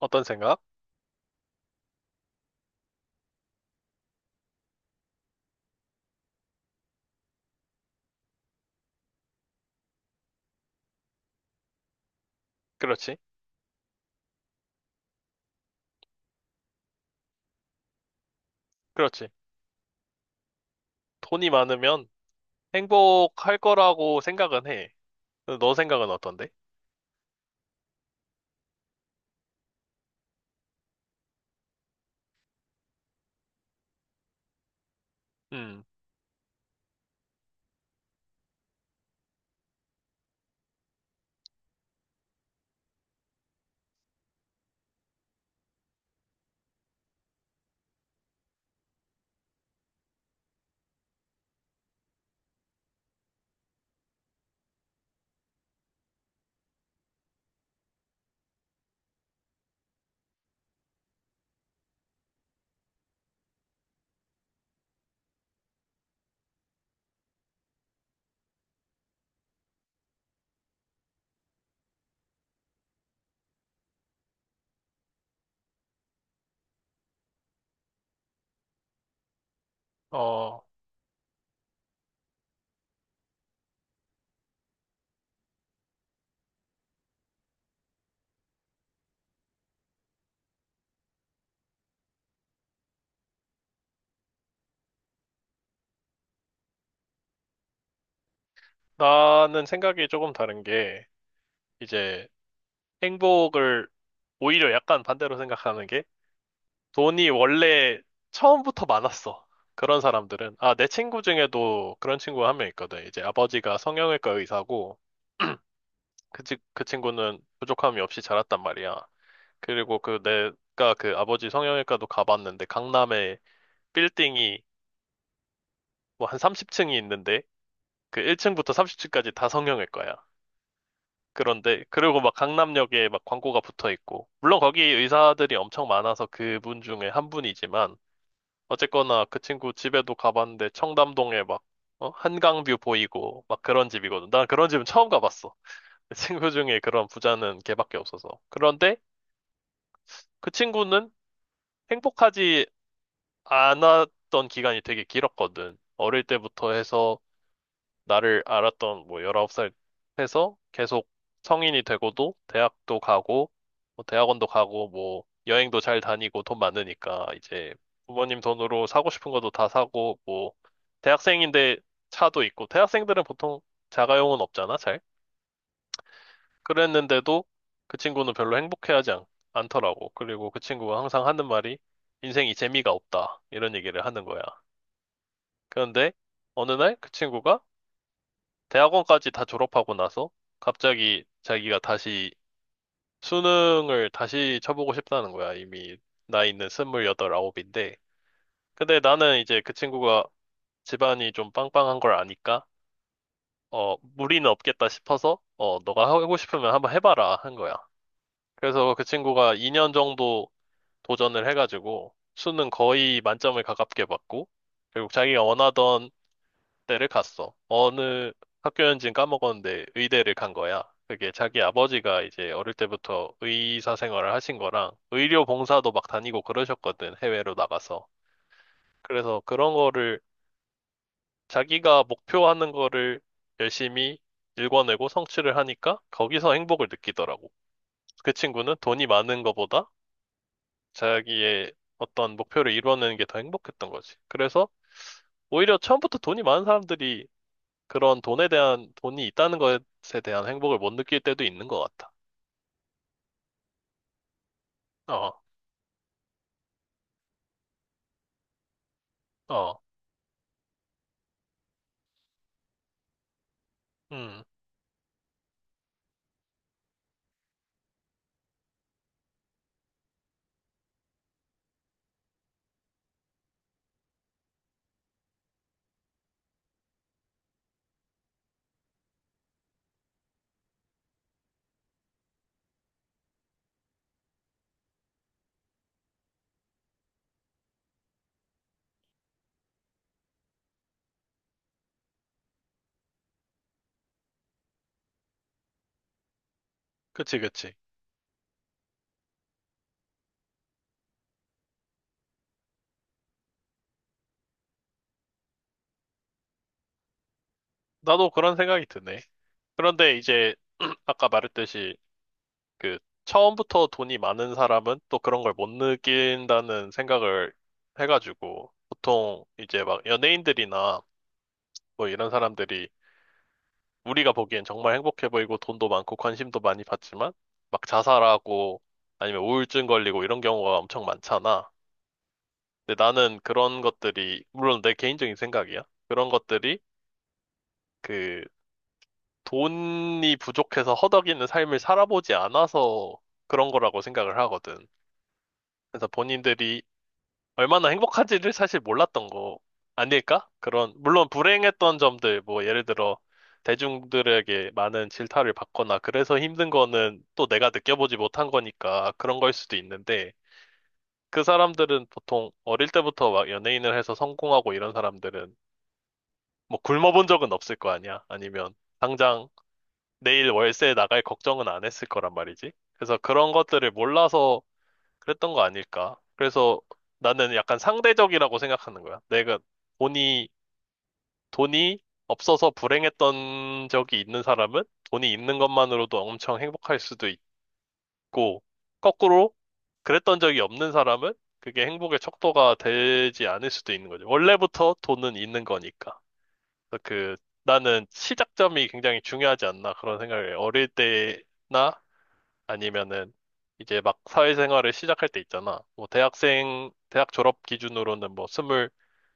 어떤 생각? 그렇지. 그렇지. 돈이 많으면 행복할 거라고 생각은 해. 너 생각은 어떤데? 음. 어, 나는 생각이 조금 다른 게, 이제 행복을 오히려 약간 반대로 생각하는 게, 돈이 원래 처음부터 많았어. 그런 사람들은. 아, 내 친구 중에도 그런 친구가 한 명 있거든. 이제 아버지가 성형외과 의사고, 그 친구는 부족함이 없이 자랐단 말이야. 그리고 그 내가 그 아버지 성형외과도 가봤는데 강남에 빌딩이 뭐 한 30층이 있는데 그 1층부터 30층까지 다 성형외과야. 그런데 그리고 막 강남역에 막 광고가 붙어 있고 물론 거기 의사들이 엄청 많아서 그분 중에 한 분이지만 어쨌거나 그 친구 집에도 가봤는데 청담동에 막 어? 한강뷰 보이고 막 그런 집이거든. 난 그런 집은 처음 가봤어. 친구 중에 그런 부자는 걔밖에 없어서. 그런데 그 친구는 행복하지 안 왔던 기간이 되게 길었거든. 어릴 때부터 해서 나를 알았던 뭐 19살 해서 계속 성인이 되고도 대학도 가고 뭐 대학원도 가고 뭐 여행도 잘 다니고 돈 많으니까 이제 부모님 돈으로 사고 싶은 것도 다 사고 뭐 대학생인데 차도 있고 대학생들은 보통 자가용은 없잖아, 잘. 그랬는데도 그 친구는 별로 행복해하지 않더라고. 그리고 그 친구가 항상 하는 말이 인생이 재미가 없다. 이런 얘기를 하는 거야. 그런데 어느 날 그 친구가 대학원까지 다 졸업하고 나서 갑자기 자기가 다시 수능을 다시 쳐보고 싶다는 거야. 이미 나이는 스물여덟, 아홉인데. 근데 나는 이제 그 친구가 집안이 좀 빵빵한 걸 아니까 무리는 없겠다 싶어서 너가 하고 싶으면 한번 해봐라 한 거야. 그래서 그 친구가 2년 정도 도전을 해가지고 수능 거의 만점을 가깝게 받고 결국 자기가 원하던 대를 갔어. 어느 학교였는지는 까먹었는데 의대를 간 거야. 그게 자기 아버지가 이제 어릴 때부터 의사 생활을 하신 거랑 의료 봉사도 막 다니고 그러셨거든, 해외로 나가서. 그래서 그런 거를 자기가 목표하는 거를 열심히 일궈내고 성취를 하니까 거기서 행복을 느끼더라고. 그 친구는 돈이 많은 거보다 자기의 어떤 목표를 이뤄내는 게 더 행복했던 거지. 그래서 오히려 처음부터 돈이 많은 사람들이 그런 돈에 대한, 돈이 있다는 것에 대한 행복을 못 느낄 때도 있는 것 같아. 어, 어, 음, 그치, 그치. 나도 그런 생각이 드네. 그런데 이제, 아까 말했듯이, 그, 처음부터 돈이 많은 사람은 또 그런 걸 못 느낀다는 생각을 해가지고, 보통 이제 막 연예인들이나 뭐 이런 사람들이 우리가 보기엔 정말 행복해 보이고 돈도 많고 관심도 많이 받지만, 막 자살하고 아니면 우울증 걸리고 이런 경우가 엄청 많잖아. 근데 나는 그런 것들이, 물론 내 개인적인 생각이야. 그런 것들이 그 돈이 부족해서 허덕이는 삶을 살아보지 않아서 그런 거라고 생각을 하거든. 그래서 본인들이 얼마나 행복한지를 사실 몰랐던 거 아닐까? 그런, 물론 불행했던 점들, 뭐 예를 들어 대중들에게 많은 질타를 받거나 그래서 힘든 거는 또 내가 느껴보지 못한 거니까 그런 걸 수도 있는데 그 사람들은 보통 어릴 때부터 막 연예인을 해서 성공하고 이런 사람들은 뭐 굶어본 적은 없을 거 아니야. 아니면 당장 내일 월세 나갈 걱정은 안 했을 거란 말이지. 그래서 그런 것들을 몰라서 그랬던 거 아닐까. 그래서 나는 약간 상대적이라고 생각하는 거야. 내가 돈이, 돈이 없어서 불행했던 적이 있는 사람은 돈이 있는 것만으로도 엄청 행복할 수도 있고, 거꾸로 그랬던 적이 없는 사람은 그게 행복의 척도가 되지 않을 수도 있는 거죠. 원래부터 돈은 있는 거니까. 그래서 나는 시작점이 굉장히 중요하지 않나 그런 생각을 해. 어릴 때나 아니면은 이제 막 사회생활을 시작할 때 있잖아. 뭐 대학생 대학 졸업 기준으로는 뭐 스물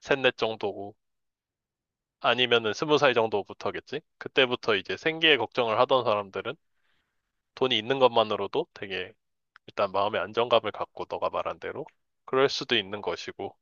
셋넷 정도고 아니면은 20살 정도부터겠지. 그때부터 이제 생계에 걱정을 하던 사람들은 돈이 있는 것만으로도 되게 일단 마음의 안정감을 갖고 너가 말한 대로 그럴 수도 있는 것이고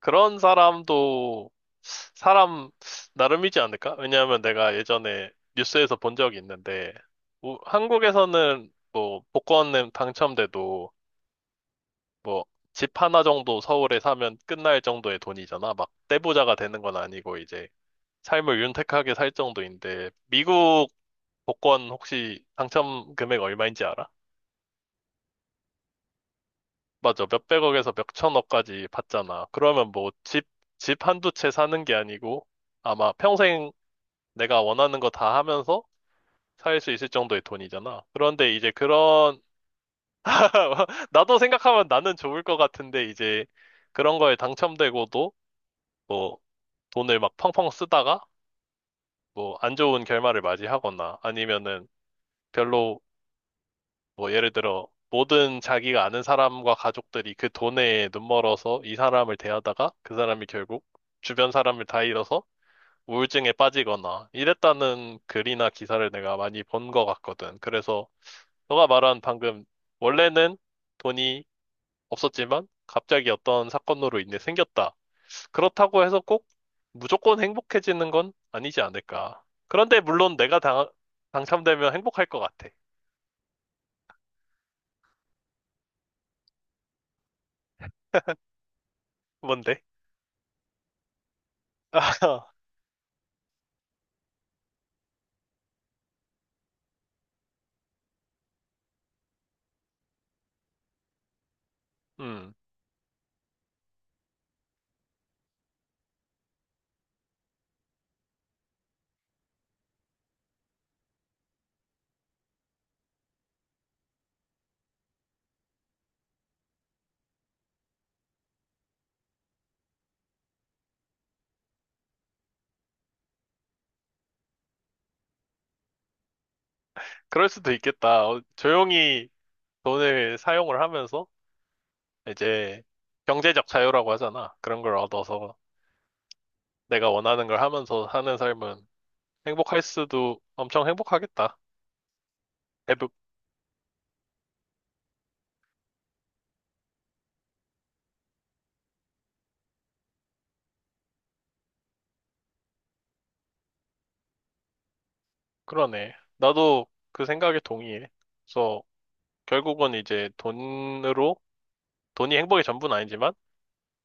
그런 사람도 사람 나름이지 않을까? 왜냐하면 내가 예전에 뉴스에서 본 적이 있는데 한국에서는 뭐 복권 당첨돼도 뭐 집 하나 정도 서울에 사면 끝날 정도의 돈이잖아. 막 떼부자가 되는 건 아니고 이제 삶을 윤택하게 살 정도인데 미국 복권 혹시 당첨 금액 얼마인지 알아? 맞아. 몇백억에서 몇천억까지 받잖아. 그러면 뭐 집 한두 채 사는 게 아니고 아마 평생 내가 원하는 거 다 하면서 살 수 있을 정도의 돈이잖아. 그런데 이제 그런, 나도 생각하면 나는 좋을 것 같은데 이제 그런 거에 당첨되고도 뭐 돈을 막 펑펑 쓰다가 뭐 안 좋은 결말을 맞이하거나 아니면은 별로 뭐 예를 들어 모든 자기가 아는 사람과 가족들이 그 돈에 눈멀어서 이 사람을 대하다가 그 사람이 결국 주변 사람을 다 잃어서 우울증에 빠지거나 이랬다는 글이나 기사를 내가 많이 본 것 같거든. 그래서 너가 말한 방금 원래는 돈이 없었지만 갑자기 어떤 사건으로 인해 생겼다. 그렇다고 해서 꼭 무조건 행복해지는 건 아니지 않을까. 그런데 물론 내가 당첨되면 행복할 것 같아. 뭔데? 음, 그럴 수도 있겠다. 조용히 돈을 사용을 하면서 이제 경제적 자유라고 하잖아. 그런 걸 얻어서 내가 원하는 걸 하면서 사는 삶은 행복할 수도 엄청 행복하겠다. 에브. 그러네. 나도 그 생각에 동의해. 그래서 결국은 이제 돈으로, 돈이 행복의 전부는 아니지만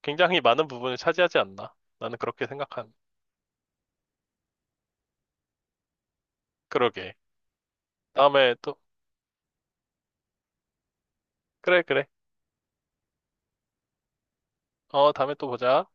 굉장히 많은 부분을 차지하지 않나. 나는 그렇게 생각한. 그러게. 다음에 또, 그래, 그래. 다음에 또 보자.